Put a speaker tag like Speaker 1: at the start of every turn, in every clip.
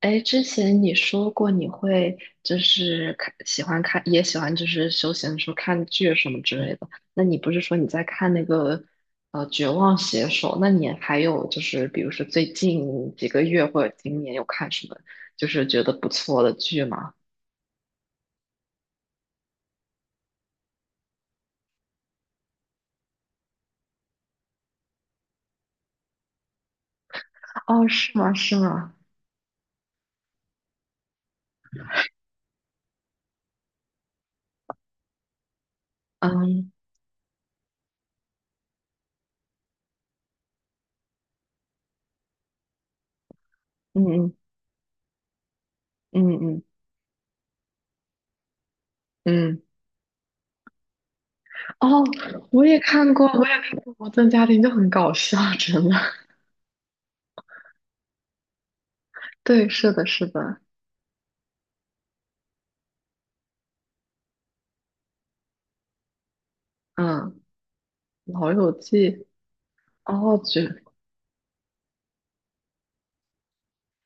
Speaker 1: 哎，之前你说过你会就是喜欢看，也喜欢就是休闲的时候看剧什么之类的。那你不是说你在看那个《绝望写手》？那你还有就是比如说最近几个月或者今年有看什么就是觉得不错的剧吗？哦，是吗？是吗？嗯嗯嗯嗯嗯嗯。哦，我也看过《摩登家庭》，就很搞笑，真的。对，是的，是的。嗯，《老友记》。哦，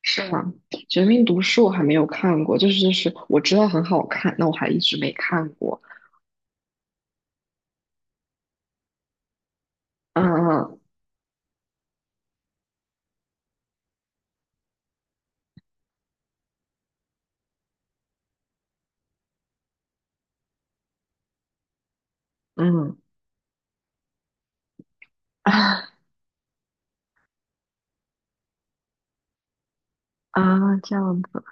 Speaker 1: 是吗？《绝命毒师》我还没有看过，就是我知道很好看，那我还一直没看过。嗯嗯啊啊，这样子。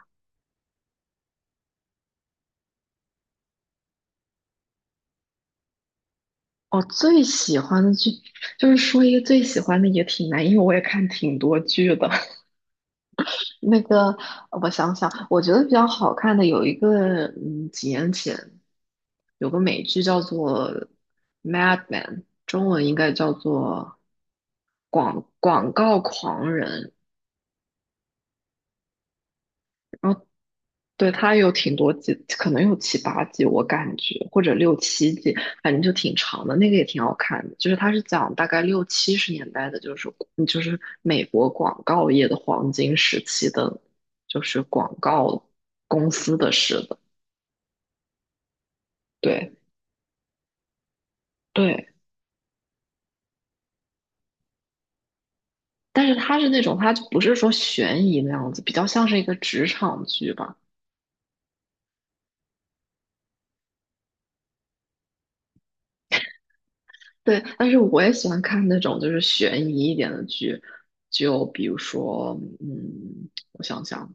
Speaker 1: 我最喜欢的剧就是说一个最喜欢的也挺难，因为我也看挺多剧的。那个我想想，我觉得比较好看的有一个，几年前有个美剧叫做《Mad Man》，中文应该叫做广告狂人。然后。对，它有挺多季，可能有七八季，我感觉或者六七季，反正就挺长的。那个也挺好看的，就是它是讲大概六七十年代的，就是美国广告业的黄金时期的，就是广告公司的事的。对对，但是它是那种，它就不是说悬疑那样子，比较像是一个职场剧吧。对，但是我也喜欢看那种就是悬疑一点的剧，就比如说，我想想。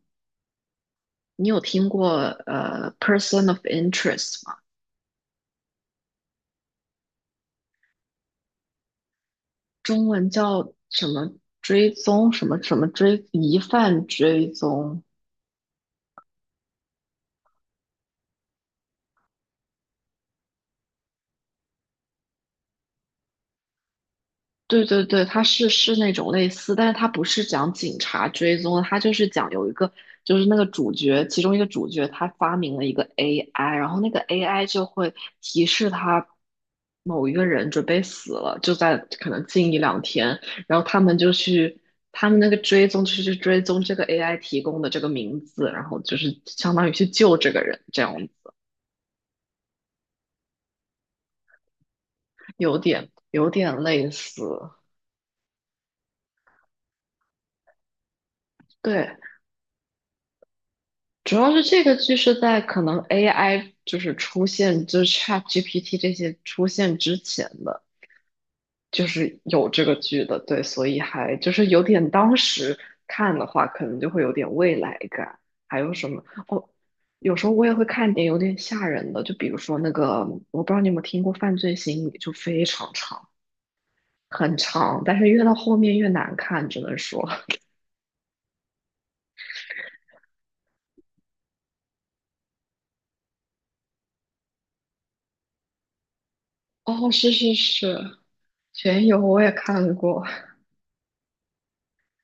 Speaker 1: 你有听过person of interest 吗？中文叫什么追踪什么什么疑犯追踪对对对，它是那种类似，但是它不是讲警察追踪的，它就是讲有一个，就是那个主角，其中一个主角他发明了一个 AI，然后那个 AI 就会提示他某一个人准备死了，就在可能近一两天，然后他们就去，他们那个追踪就是去追踪这个 AI 提供的这个名字，然后就是相当于去救这个人，这样子，有点类似，对。主要是这个剧是在可能 AI 就是出现，就是 ChatGPT 这些出现之前的，就是有这个剧的，对，所以还就是有点当时看的话，可能就会有点未来感。还有什么哦？有时候我也会看点有点吓人的，就比如说那个，我不知道你有没有听过《犯罪心理》，就非常长，很长，但是越到后面越难看，只能说，哦，是是是，全游我也看过，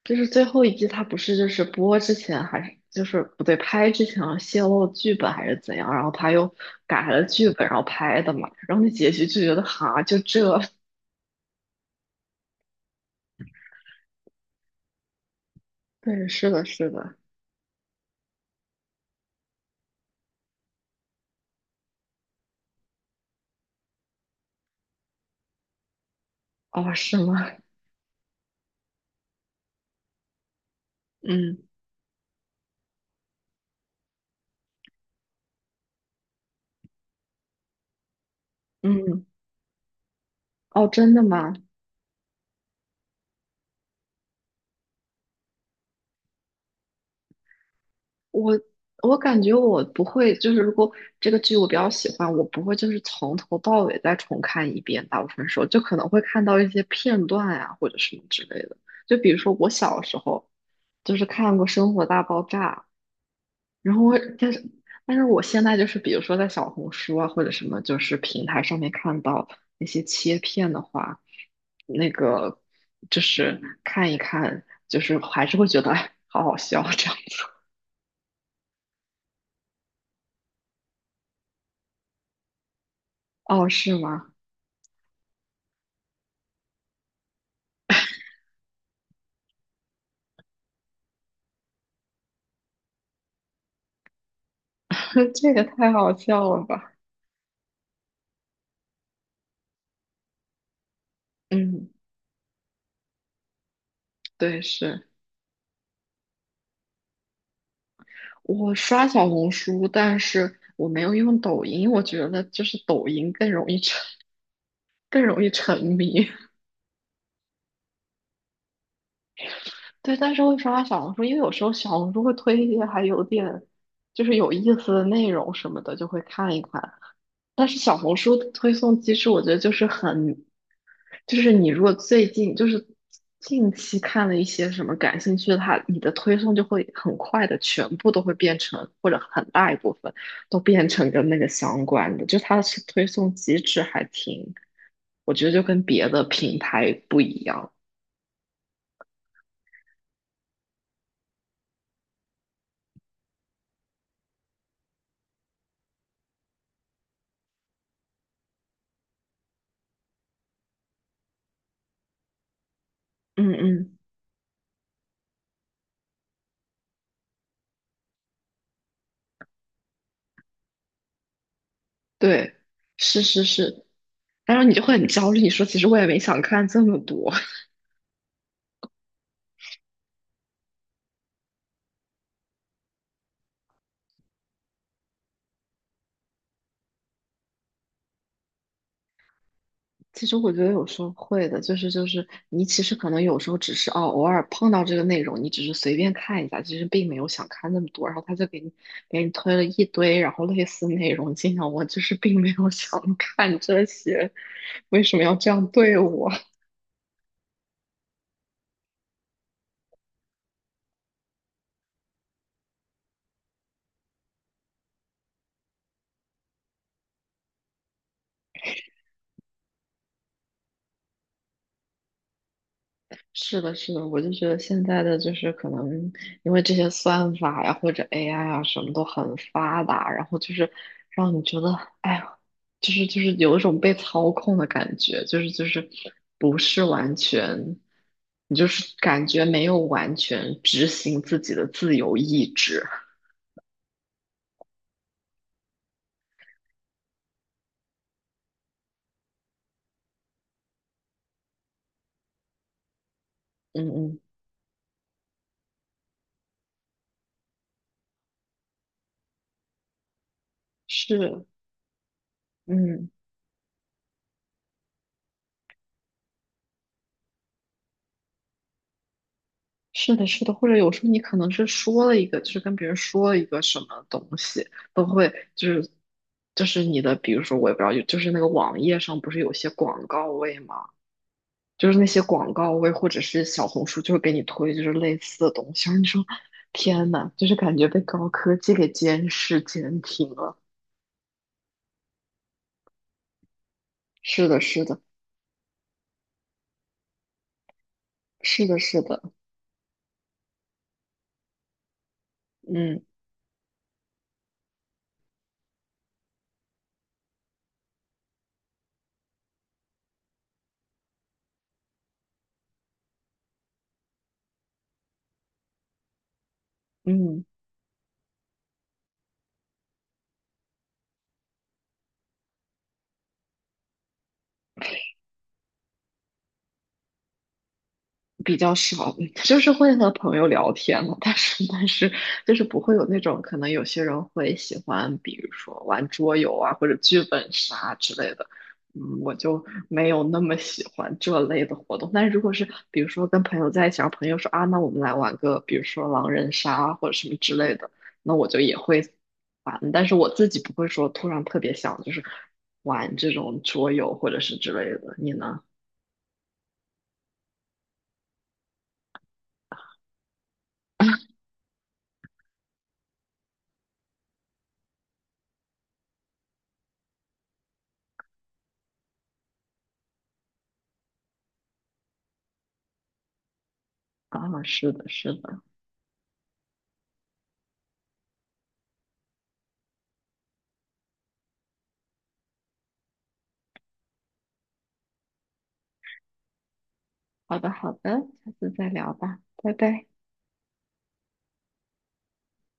Speaker 1: 就是最后一季，他不是就是播之前还是就是不对，拍之前泄露剧本还是怎样，然后他又改了剧本，然后拍的嘛，然后那结局就觉得哈，就这，对，是的，是的，哦，是吗？嗯嗯，哦，真的吗？我我感觉我不会，就是如果这个剧我比较喜欢，我不会就是从头到尾再重看一遍。大部分时候就可能会看到一些片段呀、或者什么之类的。就比如说我小时候就是看过《生活大爆炸》，然后我但是但是我现在就是比如说在小红书啊或者什么就是平台上面看到那些切片的话，那个就是看一看，就是还是会觉得哎好好笑这样子。哦，是吗？这个太好笑了吧？嗯，对，是我刷小红书，但是我没有用抖音，我觉得就是抖音更容易沉迷。对，但是会刷小红书，因为有时候小红书会推一些还有点就是有意思的内容什么的，就会看一看。但是小红书的推送机制，我觉得就是很，就是你如果最近就是近期看了一些什么感兴趣的，你的推送就会很快的全部都会变成，或者很大一部分都变成跟那个相关的，就它的推送机制还挺，我觉得就跟别的平台不一样。嗯嗯，对，是是是，然后你就会很焦虑，你说其实我也没想看这么多。其实我觉得有时候会的，就是你其实可能有时候只是偶尔碰到这个内容，你只是随便看一下，其实并没有想看那么多，然后他就给你推了一堆，然后类似内容进来，我就是并没有想看这些，为什么要这样对我？是的，是的，我就觉得现在的就是可能因为这些算法呀或者 AI 啊什么都很发达，然后就是让你觉得，哎呀，就是有一种被操控的感觉，就是不是完全，你就是感觉没有完全执行自己的自由意志。嗯嗯，是，嗯。是的，是的，或者有时候你可能是说了一个，就是跟别人说了一个什么东西，都会就是你的，比如说我也不知道，就是那个网页上不是有些广告位嘛，就是那些广告位或者是小红书就会给你推就是类似的东西，然后你说天呐，就是感觉被高科技给监视监听了。是的，是的，是的，是的，嗯嗯。比较少，就是会和朋友聊天嘛，但是就是不会有那种可能有些人会喜欢，比如说玩桌游啊或者剧本杀之类的，嗯，我就没有那么喜欢这类的活动。但是如果是比如说跟朋友在一起，然后朋友说啊，那我们来玩个比如说狼人杀啊或者什么之类的，那我就也会玩，但是我自己不会说突然特别想就是玩这种桌游或者是之类的。你呢？啊，是的，是的。好的，好的，下次再聊吧，拜拜。